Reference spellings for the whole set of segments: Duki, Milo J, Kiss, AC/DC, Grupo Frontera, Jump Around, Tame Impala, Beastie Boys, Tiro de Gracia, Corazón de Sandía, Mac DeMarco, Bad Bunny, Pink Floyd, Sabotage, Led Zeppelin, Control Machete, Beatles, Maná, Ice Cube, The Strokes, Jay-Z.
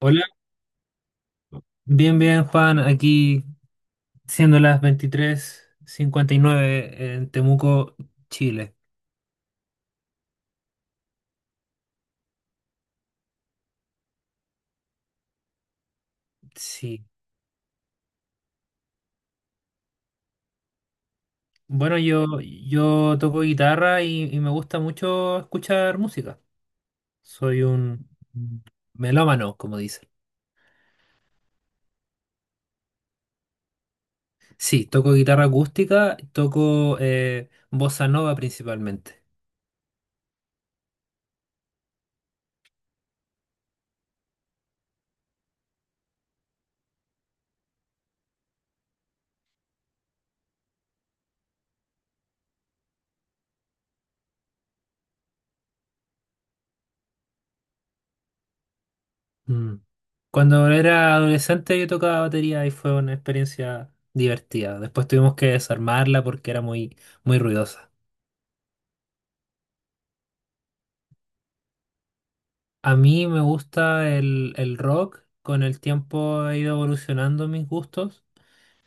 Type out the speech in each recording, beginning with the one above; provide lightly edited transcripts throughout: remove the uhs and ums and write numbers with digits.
Hola, bien, bien, Juan, aquí siendo las 23:59 en Temuco, Chile. Sí. Bueno, yo toco guitarra y me gusta mucho escuchar música. Soy un melómano, como dicen. Sí, toco guitarra acústica, toco bossa nova principalmente. Mm. Cuando era adolescente yo tocaba batería y fue una experiencia divertida. Después tuvimos que desarmarla porque era muy, muy ruidosa. A mí me gusta el rock, con el tiempo he ido evolucionando mis gustos.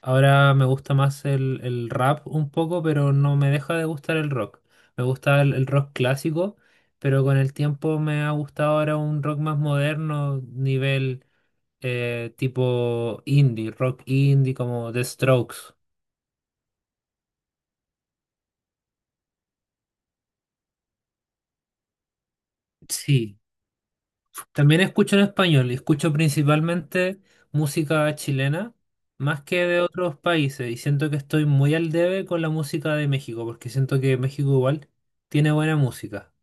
Ahora me gusta más el rap un poco, pero no me deja de gustar el rock. Me gusta el rock clásico, pero con el tiempo me ha gustado ahora un rock más moderno, nivel tipo indie, rock indie como The Strokes. Sí, también escucho en español y escucho principalmente música chilena, más que de otros países, y siento que estoy muy al debe con la música de México, porque siento que México igual tiene buena música.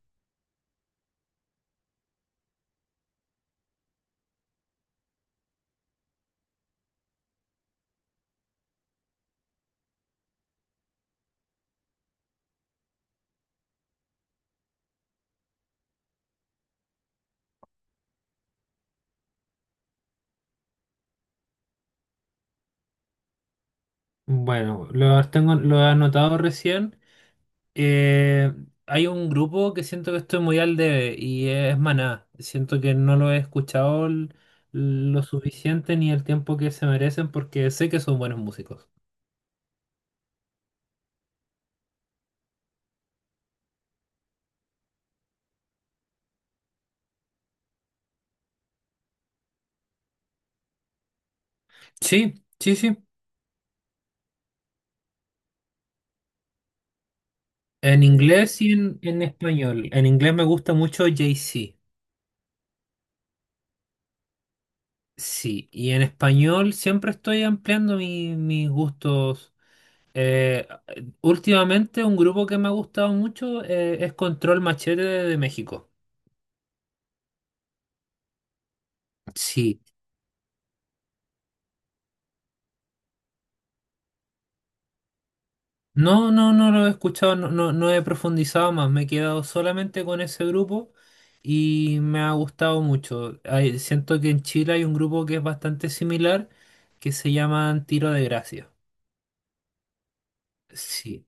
Bueno, lo tengo, lo he anotado recién. Eh, Hay un grupo que siento que estoy muy al debe y es Maná. Siento que no lo he escuchado lo suficiente ni el tiempo que se merecen porque sé que son buenos músicos. Sí, sí, sí. En inglés y en español. En inglés me gusta mucho Jay-Z. Sí, y en español siempre estoy ampliando mis gustos. Eh, Últimamente un grupo que me ha gustado mucho es Control Machete de México. Sí. No, no, no lo he escuchado, no, no, no he profundizado más. Me he quedado solamente con ese grupo y me ha gustado mucho. Hay- siento que en Chile hay un grupo que es bastante similar que se llaman Tiro de Gracia. Sí.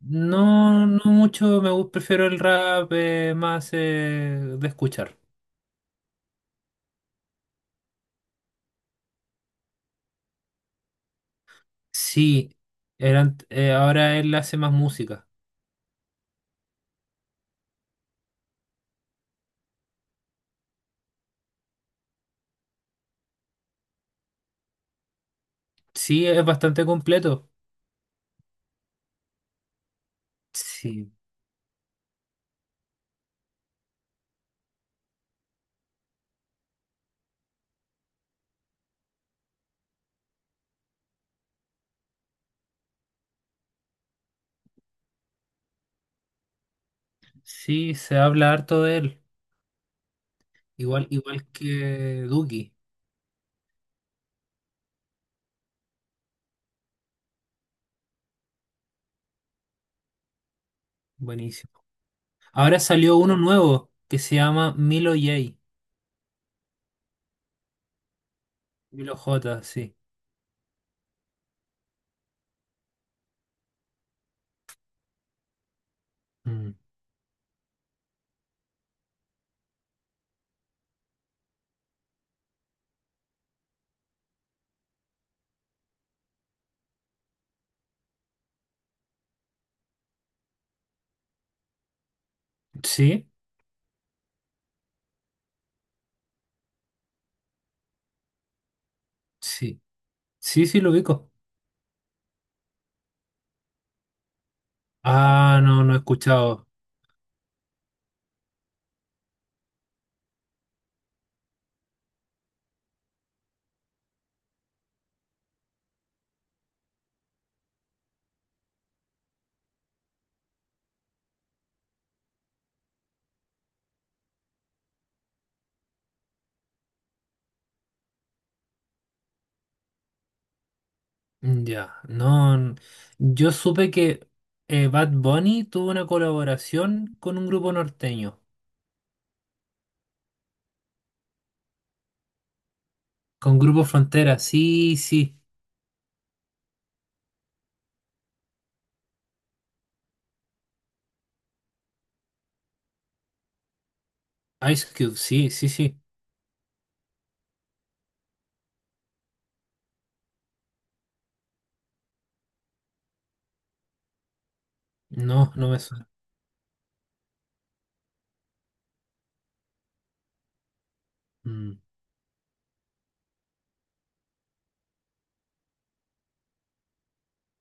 No, no mucho, me gusta, prefiero el rap más de escuchar. Sí, eran ahora él hace más música. Sí, es bastante completo. Sí, sí, se habla harto de él. Igual, igual que Duki. Buenísimo. Ahora salió uno nuevo que se llama Milo J. Milo J, sí. Mm. ¿Sí? Sí. Sí, sí, lo ubico. Ah, no, no he escuchado. Mm, ya, no. n- yo supe que Bad Bunny tuvo una colaboración con un grupo norteño, con Grupo Frontera, sí, sí. Ice Cube, sí, sí, sí. No, no me suena. Mm.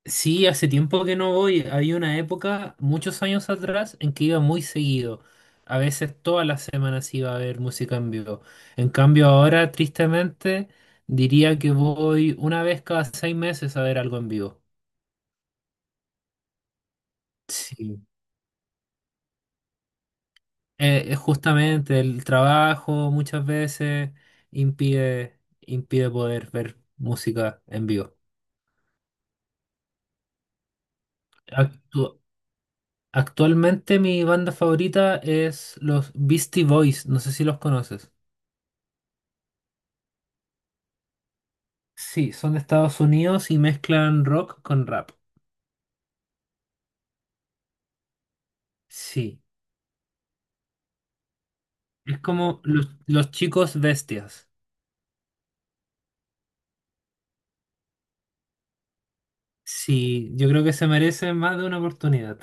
Sí, hace tiempo que no voy. Había una época, muchos años atrás, en que iba muy seguido. A veces todas las semanas iba a haber música en vivo. En cambio, ahora, tristemente, diría que voy una vez cada 6 meses a ver algo en vivo. Sí. Justamente el trabajo muchas veces impide poder ver música en vivo. Actu- actualmente mi banda favorita es los Beastie Boys, no sé si los conoces. Sí, son de Estados Unidos y mezclan rock con rap. Sí, es como los chicos bestias. Sí, yo creo que se merecen más de una oportunidad.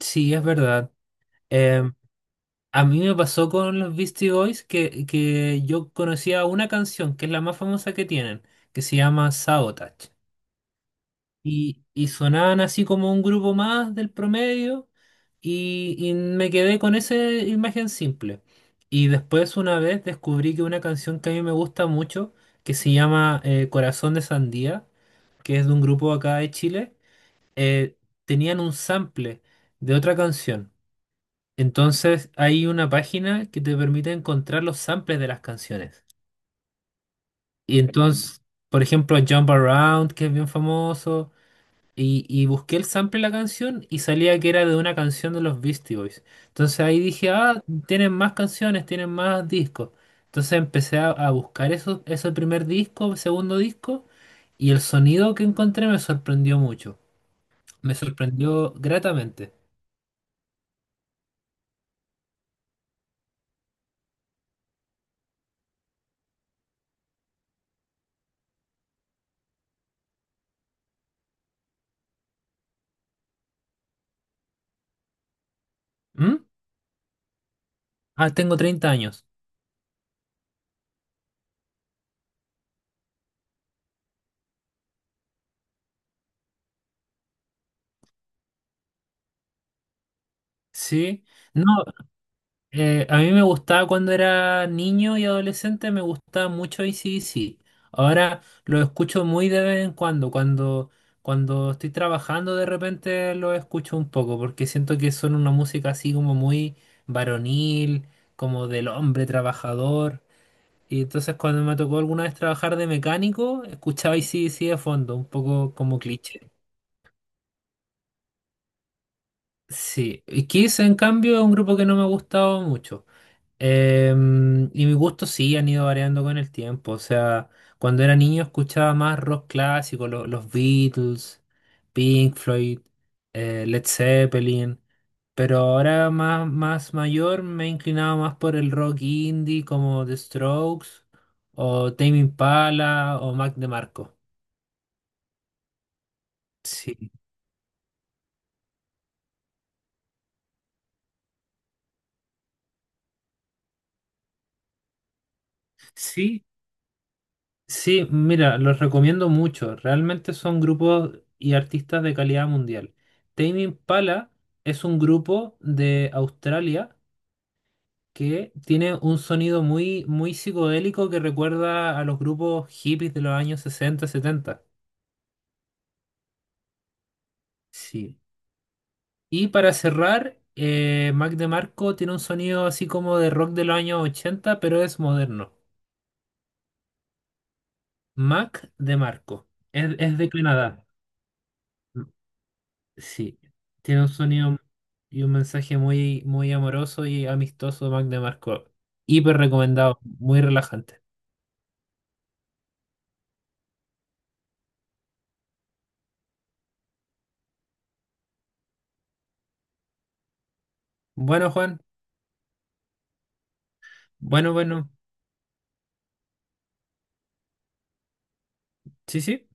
Sí, es verdad. Em, A mí me pasó con los Beastie Boys que yo conocía una canción, que es la más famosa que tienen, que se llama Sabotage. Y sonaban así como un grupo más del promedio y me quedé con esa imagen simple. Y después una vez descubrí que una canción que a mí me gusta mucho, que se llama Corazón de Sandía, que es de un grupo acá de Chile, eh, tenían un sample de otra canción. Entonces hay una página que te permite encontrar los samples de las canciones. Y entonces, por ejemplo, Jump Around, que es bien famoso, y busqué el sample de la canción y salía que era de una canción de los Beastie Boys. Entonces ahí dije, ah, tienen más canciones, tienen más discos. Entonces empecé a buscar eso, ese primer disco, segundo disco, y el sonido que encontré me sorprendió mucho. Me sorprendió gratamente. ¿Mm? Ah, tengo 30 años. Sí. No. A mí me gustaba cuando era niño y adolescente, me gustaba mucho AC/DC. Ahora lo escucho muy de vez en cuando, cuando estoy trabajando de repente lo escucho un poco, porque siento que son una música así como muy varonil, como del hombre trabajador. Y entonces cuando me tocó alguna vez trabajar de mecánico, escuchaba AC/DC de fondo, un poco como cliché. Sí, y Kiss en cambio es un grupo que no me ha gustado mucho. Y mis gustos sí han ido variando con el tiempo. O sea, cuando era niño escuchaba más rock clásico, los Beatles, Pink Floyd, Led Zeppelin. Pero ahora más, más mayor me he inclinado más por el rock indie como The Strokes o Tame Impala o Mac DeMarco. Sí, sí, sí, mira, los recomiendo mucho. Realmente son grupos y artistas de calidad mundial. Tame Impala es un grupo de Australia que tiene un sonido muy, muy psicodélico que recuerda a los grupos hippies de los años 60, 70. Sí. Y para cerrar, Mac DeMarco tiene un sonido así como de rock de los años 80, pero es moderno. Mac DeMarco. Es de Canadá. Sí, tiene un sonido y un mensaje muy, muy amoroso y amistoso, Mac DeMarco. Hiper recomendado, muy relajante. Bueno, Juan, bueno, bueno, sí, sí.